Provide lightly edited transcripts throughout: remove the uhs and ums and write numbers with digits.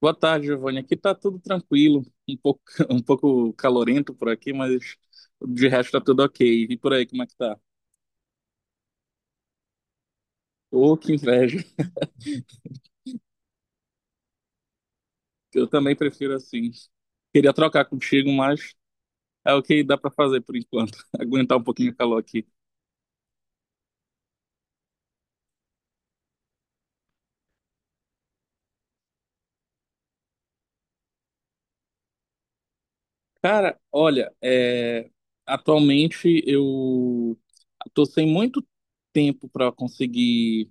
Boa tarde, Giovanni. Aqui tá tudo tranquilo, um pouco, um pouco calorento por aqui, mas de resto tá tudo ok. E por aí, como é que tá? Ô, que inveja. Eu também prefiro assim. Queria trocar contigo, mas é o que dá pra fazer por enquanto. Aguentar um pouquinho o calor aqui. Cara, olha, atualmente eu tô sem muito tempo para conseguir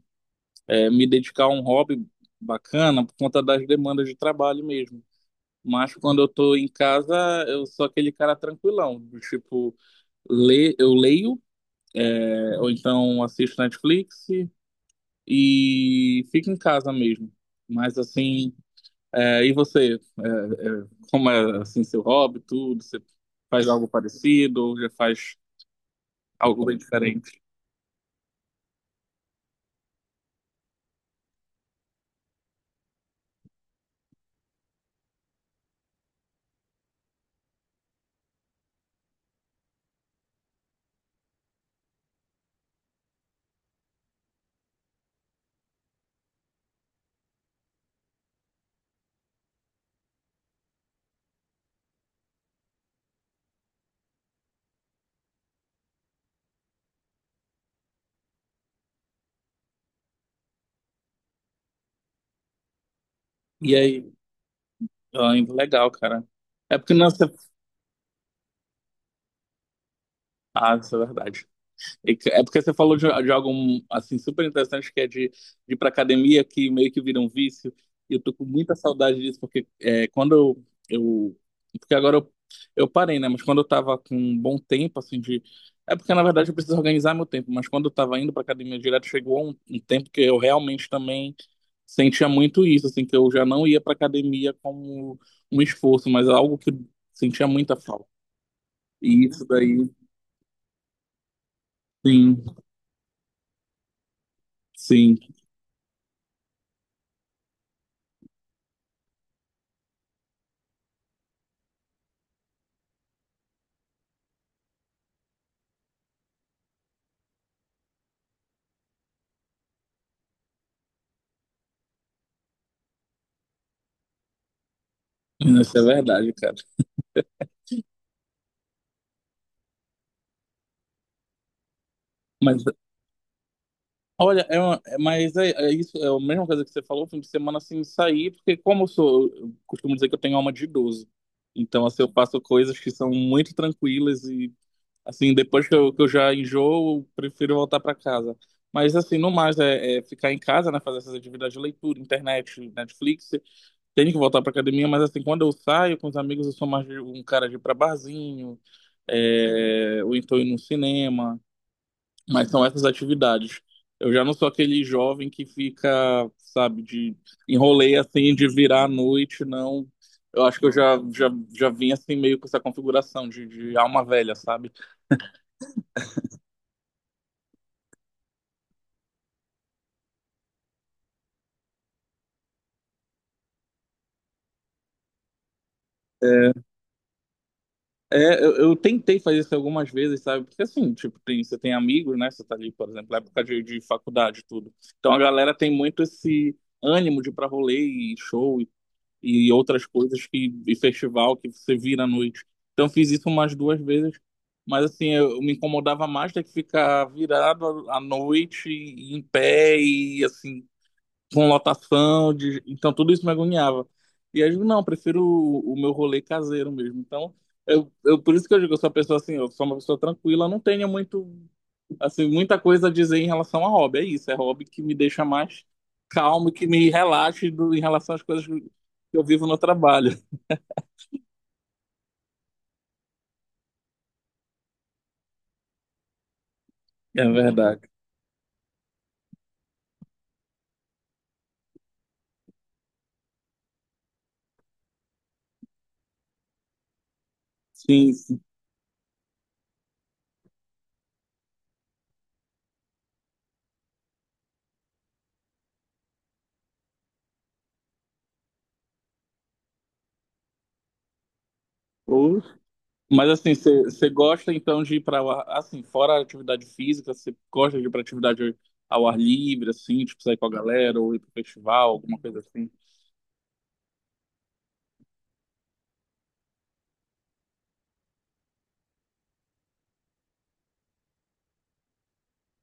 me dedicar a um hobby bacana por conta das demandas de trabalho mesmo. Mas quando eu tô em casa, eu sou aquele cara tranquilão, do tipo, le eu leio, ou então assisto Netflix e fico em casa mesmo. Mas assim, e você? Como é assim seu hobby, tudo? Você faz algo parecido ou já faz algo bem diferente? E aí, ah, legal, cara. É porque não é... Ah, isso é verdade. É porque você falou de algo assim super interessante que é de ir para academia que meio que vira um vício. E eu tô com muita saudade disso porque quando porque agora eu parei, né? Mas quando eu tava com um bom tempo assim de é porque na verdade eu preciso organizar meu tempo. Mas quando eu tava indo para academia direto chegou um tempo que eu realmente também sentia muito isso, assim que eu já não ia para academia como um esforço, mas algo que eu sentia muita falta. E isso daí, sim, sim. Isso é verdade, cara. Mas, olha, mas é isso, é a mesma coisa que você falou, fim de semana assim, sair, porque como eu sou, eu costumo dizer que eu tenho alma de idoso. Então, assim, eu faço coisas que são muito tranquilas e, assim, depois que eu já enjoo, eu prefiro voltar para casa. Mas, assim, no mais, é ficar em casa, né, fazer essas atividades de leitura, internet, Netflix, tenho que voltar para academia, mas, assim, quando eu saio com os amigos, eu sou um cara de ir pra barzinho, ou então ir no cinema. Mas são essas atividades. Eu já não sou aquele jovem que fica, sabe, de enrolei assim, de virar à noite, não. Eu acho que eu já vim assim meio com essa configuração de alma velha, sabe? É, eu tentei fazer isso algumas vezes, sabe? Porque assim, tipo, você tem amigos, né? Você tá ali, por exemplo, na época de faculdade e tudo. Então a galera tem muito esse ânimo de ir pra rolê e show e outras coisas que e festival que você vira à noite. Então eu fiz isso umas duas vezes, mas assim eu me incomodava mais ter que ficar virado à noite e em pé e assim com lotação de... então tudo isso me agoniava. E aí eu digo, não, eu prefiro o meu rolê caseiro mesmo. Então eu por isso que eu digo, eu sou uma pessoa assim, eu sou uma pessoa tranquila, não tenho muito assim, muita coisa a dizer em relação a hobby. É isso, é hobby que me deixa mais calmo, que me relaxe do, em relação às coisas que eu vivo no trabalho. É verdade. Sim, sim. Ou- Mas assim, você gosta então de ir para assim, fora a atividade física, você gosta de ir para atividade ao ar livre, assim, tipo sair com a galera ou ir para festival, alguma coisa assim?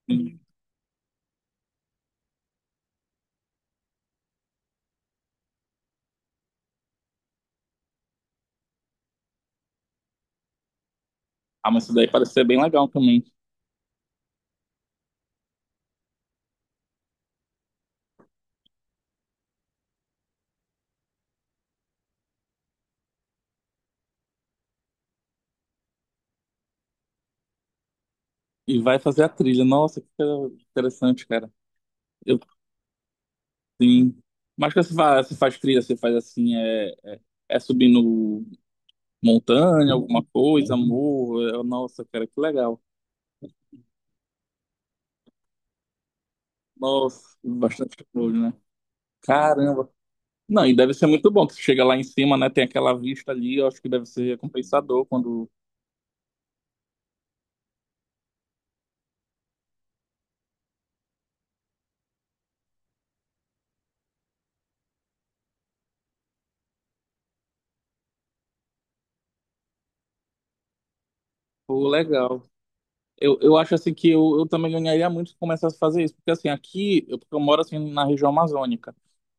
Sim. Ah, mas isso daí parece ser bem legal também. E vai fazer a trilha. Nossa, que coisa interessante, cara. Eu Sim. Mas quando você faz trilha, você faz assim, é subindo montanha, alguma coisa, morro. Nossa, cara, que legal. Nossa, bastante coisa, né? Caramba. Não, e deve ser muito bom, que você chega lá em cima, né? Tem aquela vista ali, eu acho que deve ser recompensador quando. Pô, legal. Eu acho assim que eu também ganharia muito se começasse a fazer isso, porque assim, aqui eu, porque eu moro assim na região amazônica.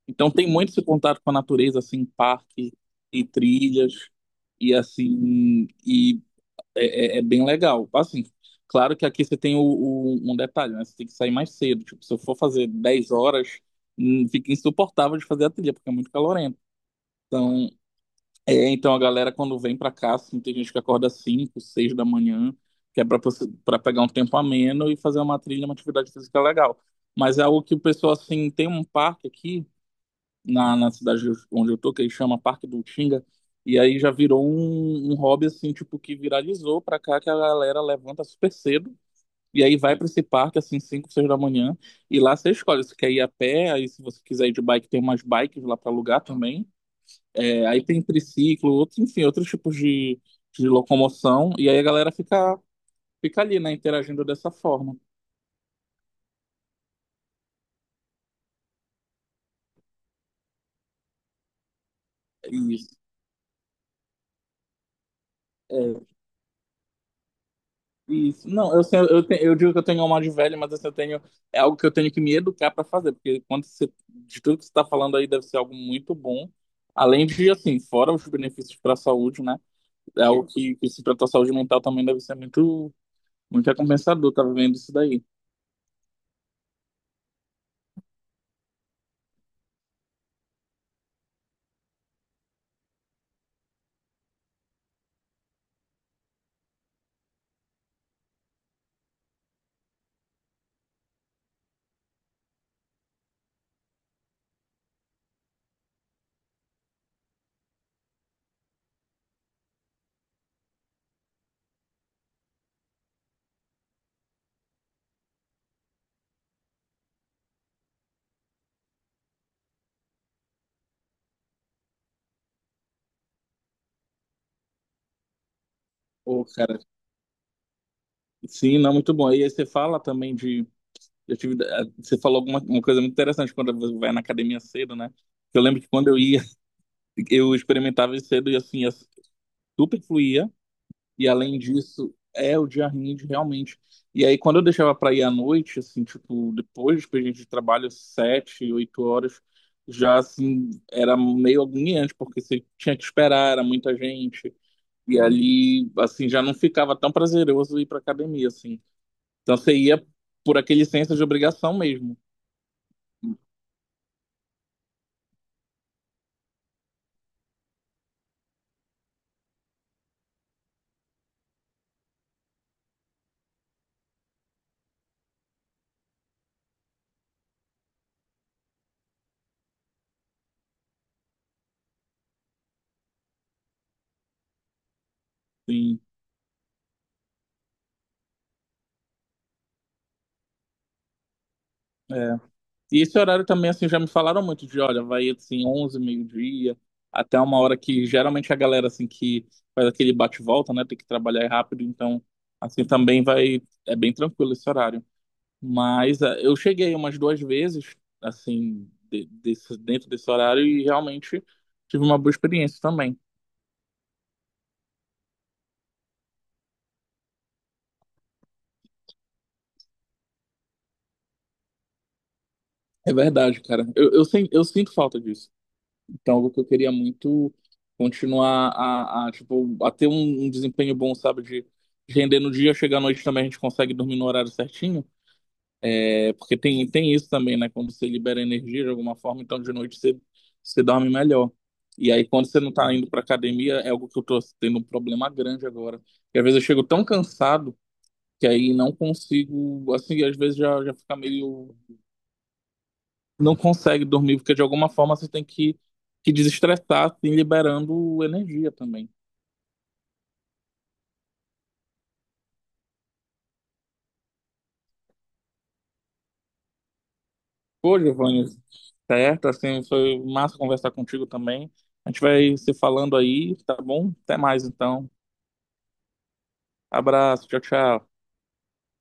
Então tem muito esse contato com a natureza, assim, parque e trilhas, e assim, e é bem legal. Assim, claro que aqui você tem um detalhe, né? Você tem que sair mais cedo. Tipo, se eu for fazer 10 horas, fica insuportável de fazer a trilha, porque é muito calorento. Então, então a galera quando vem pra cá, assim, tem gente que acorda às 5, 6 da manhã, que é pra para pegar um tempo ameno e fazer uma trilha, uma atividade física legal. Mas é algo que o pessoal, assim, tem um parque aqui na cidade onde eu tô, que ele chama Parque do Utinga, e aí já virou um hobby, assim, tipo, que viralizou pra cá, que a galera levanta super cedo, e aí vai pra esse parque, assim, 5, 6 da manhã, e lá você escolhe se quer ir a pé, aí se você quiser ir de bike, tem umas bikes lá pra alugar também, aí tem triciclo, outros, enfim, outros tipos de locomoção, e aí a galera fica ali, né, interagindo dessa forma. Isso. É, isso. Não, eu, eu, eu digo que eu tenho alma de velho, mas assim, eu tenho, é algo que eu tenho que me educar para fazer, porque quando você, de tudo que você está falando aí deve ser algo muito bom, além de, assim, fora os benefícios para a saúde, né, é algo que se tratar a saúde mental também deve ser muito, muito recompensador, tá vendo isso daí. Ô, cara, sim, não, muito bom. E aí você fala também de Eu tive, você falou alguma uma coisa muito interessante quando você vai na academia cedo, né? Eu lembro que quando eu ia, eu experimentava isso cedo e assim, super fluía. E além disso, é o dia rende realmente. E aí quando eu deixava para ir à noite, assim, tipo, depois que a gente trabalha 7, 8 horas, já assim, era meio agoniante, porque você tinha que esperar, era muita gente. E ali, assim, já não ficava tão prazeroso ir pra academia, assim. Então você ia por aquele senso de obrigação mesmo, assim. É, E esse horário também, assim, já me falaram muito de, olha, vai, assim, 11 meio-dia, até uma hora que geralmente a galera, assim, que faz aquele bate-volta, né, tem que trabalhar rápido, então, assim, também vai, é bem tranquilo esse horário. Mas ah, eu cheguei umas duas vezes, assim, dentro desse horário e realmente tive uma boa experiência também. É verdade, cara. Eu, eu sinto falta disso. Então, algo que eu queria muito continuar a, tipo, a ter um desempenho bom, sabe? De render no dia, chegar à noite também a gente consegue dormir no horário certinho. É, porque tem isso também, né? Quando você libera energia de alguma forma, então de noite você dorme melhor. E aí, quando você não tá indo pra academia, é algo que eu tô tendo um problema grande agora. E às vezes eu chego tão cansado que aí não consigo, assim, às vezes já fica meio não consegue dormir, porque de alguma forma você tem que desestressar, assim, liberando energia também. Pô, Giovanni, certo, assim, foi massa conversar contigo também. A gente vai se falando aí, tá bom? Até mais então. Abraço, tchau, tchau.